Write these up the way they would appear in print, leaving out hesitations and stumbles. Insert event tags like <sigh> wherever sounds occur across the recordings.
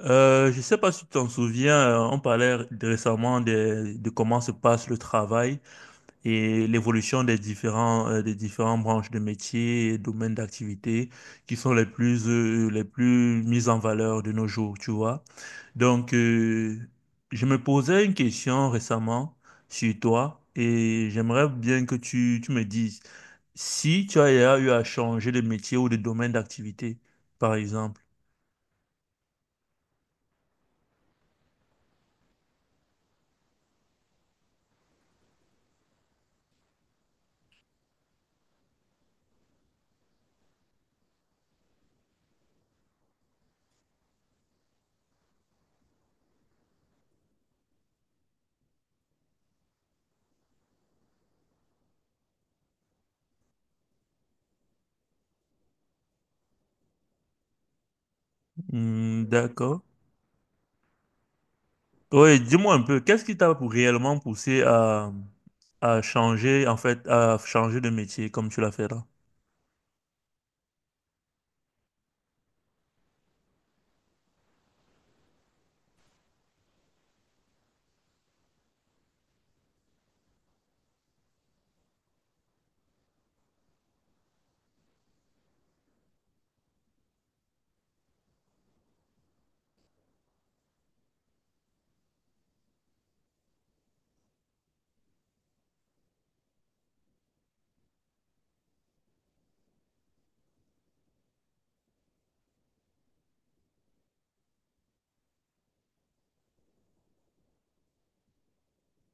Je ne sais pas si tu t'en souviens, on parlait récemment de comment se passe le travail et l'évolution des des différentes branches de métiers et domaines d'activité qui sont les plus mises en valeur de nos jours, tu vois. Donc, euh, je me posais une question récemment sur toi et j'aimerais bien que tu me dises si tu as eu à changer de métier ou de domaine d'activité, par exemple. Hmm, d'accord. Oui, dis-moi un peu, qu'est-ce qui t'a réellement poussé à changer, en fait, à changer de métier comme tu l'as fait là?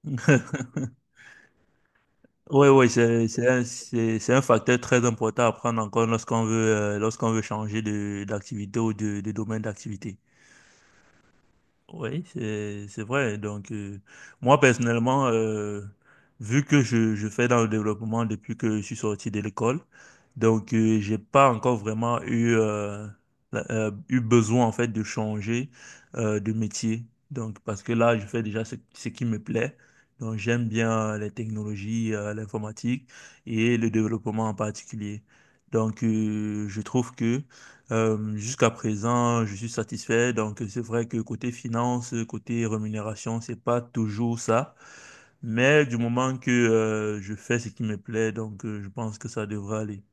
<laughs> Oui, oui, c'est un facteur très important à prendre en compte lorsqu'on veut changer d'activité ou de domaine d'activité. Oui, c'est vrai. Moi personnellement, vu que je fais dans le développement depuis que je suis sorti de l'école, j'ai pas encore vraiment eu eu besoin en fait de changer de métier. Donc, parce que là, je fais déjà ce qui me plaît. Donc, j'aime bien les technologies, l'informatique et le développement en particulier. Donc, je trouve que Hem, Jusqu'à présent, je suis satisfait. Donc, c'est vrai que côté finance, côté rémunération, c'est pas toujours ça. Mais du moment que je fais ce qui me plaît, je pense que ça devrait aller.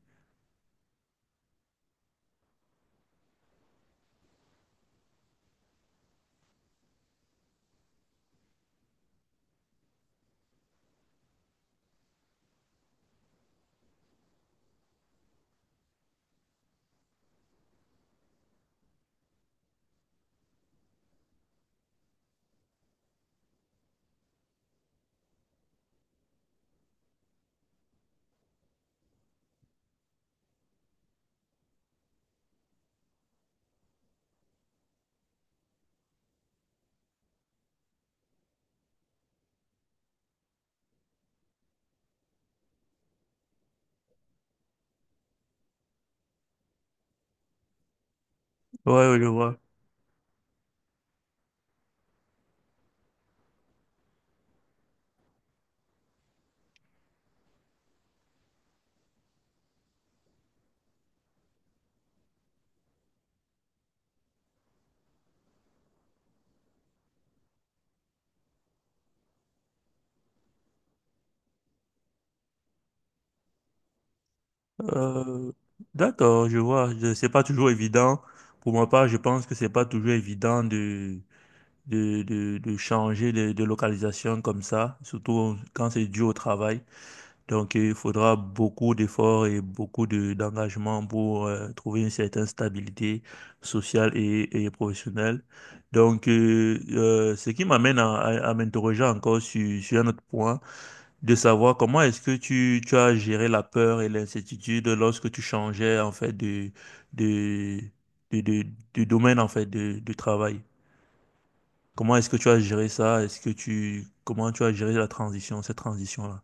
Ouais, ouais, je vois. Euh, d'accord, je vois. C'est pas toujours évident. Pour ma part, je pense que c'est pas toujours évident de changer de localisation comme ça, surtout quand c'est dû au travail. Donc, il faudra beaucoup d'efforts et beaucoup d'engagement pour trouver une certaine stabilité sociale et professionnelle. Ce qui m'amène à m'interroger encore sur un autre point, de savoir comment est-ce que tu as géré la peur et l'incertitude lorsque tu changeais en fait de, de, de- de domaine en fait de travail. Comment est-ce que tu as géré ça? Est-ce que tu, comment tu as géré la transition, cette transition-là?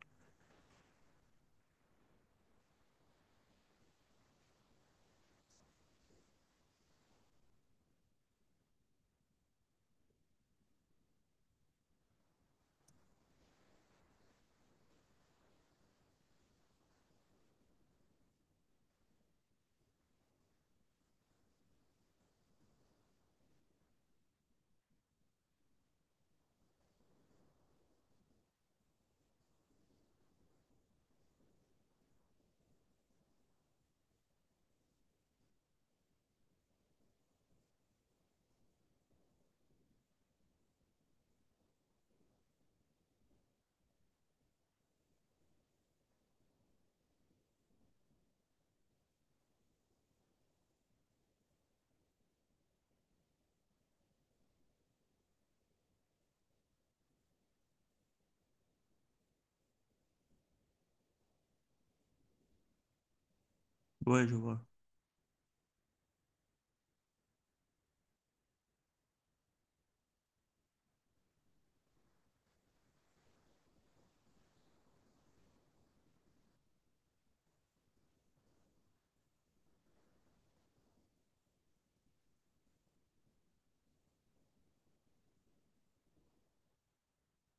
Ouais, je vois.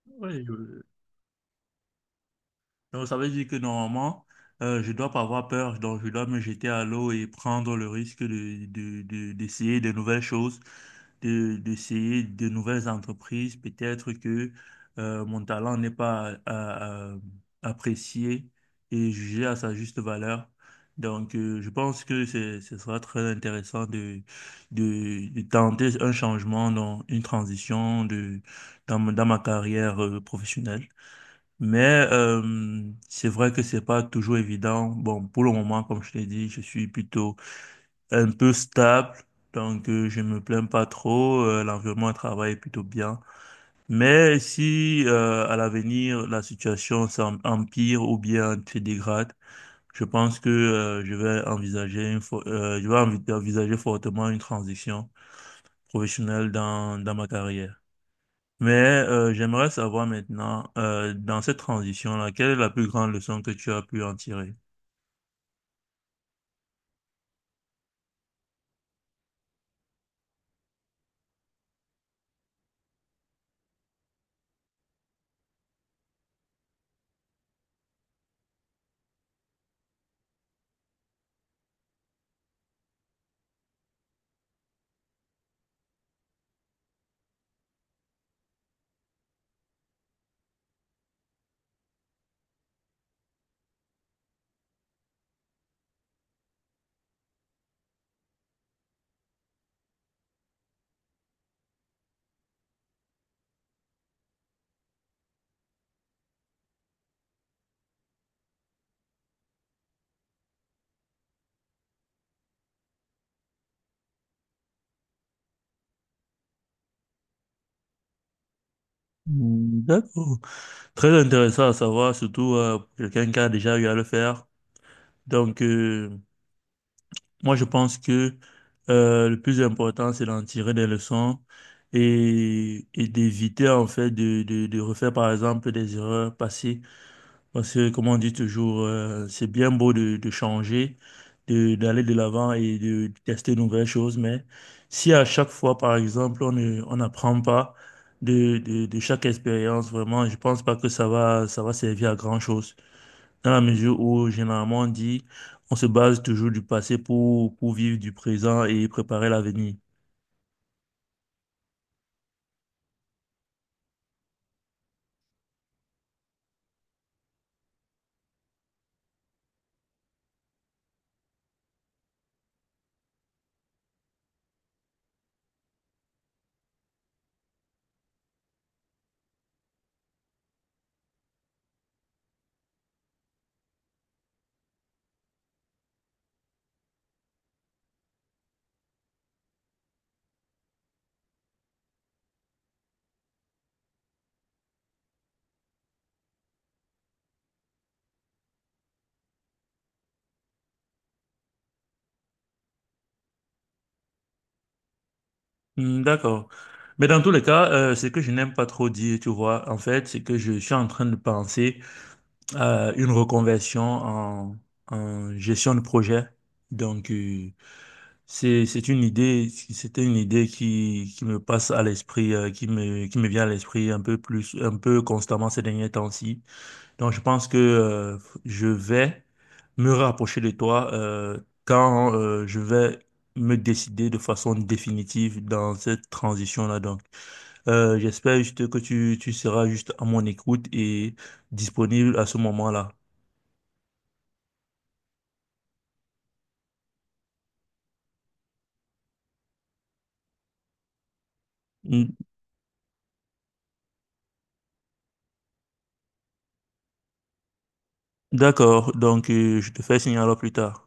Oui, donc, ça veut dire que normalement, je dois pas avoir peur, donc je dois me jeter à l'eau et prendre le risque d'essayer de nouvelles choses, d'essayer de nouvelles entreprises. Peut-être que mon talent n'est pas apprécié et jugé à sa juste valeur. Je pense que ce sera très intéressant de tenter un changement, dans une transition dans ma carrière professionnelle. Mais euh, c'est vrai que c'est pas toujours évident. Bon, pour le moment, comme je t'ai dit, je suis plutôt un peu stable, je me plains pas trop. L'environnement de travail est plutôt bien. Mais si à l'avenir la situation empire ou bien se dégrade, je pense que je vais envisager je vais envisager fortement une transition professionnelle dans ma carrière. Mais j'aimerais savoir maintenant, dans cette transition-là, quelle est la plus grande leçon que tu as pu en tirer? Hmm, d'accord. Très intéressant à savoir, surtout pour quelqu'un qui a déjà eu à le faire. Donc, euh, Moi, je pense que le plus important, c'est d'en tirer des leçons et d'éviter, en fait, de refaire, par exemple, des erreurs passées. Parce que, comme on dit toujours, c'est bien beau de changer, d'aller de l'avant et de tester de nouvelles choses, mais si à chaque fois, par exemple, on n'apprend pas de chaque expérience, vraiment, je pense pas que ça va servir à grand-chose. Dans la mesure où, généralement, on dit, on se base toujours du passé pour vivre du présent et préparer l'avenir. Hmm, d'accord. Mais dans tous les cas, ce que je n'aime pas trop dire, tu vois, en fait, c'est que je suis en train de penser une reconversion en, en gestion de projet. Donc, euh, c'est une idée, c'était une idée qui me passe à l'esprit, qui me vient à l'esprit un peu plus, un peu constamment ces derniers temps-ci. Donc, je pense que, je vais me rapprocher de toi, quand, je vais me décider de façon définitive dans cette transition-là. J'espère juste que tu seras juste à mon écoute et disponible à ce moment-là. D'accord, je te fais signe alors plus tard.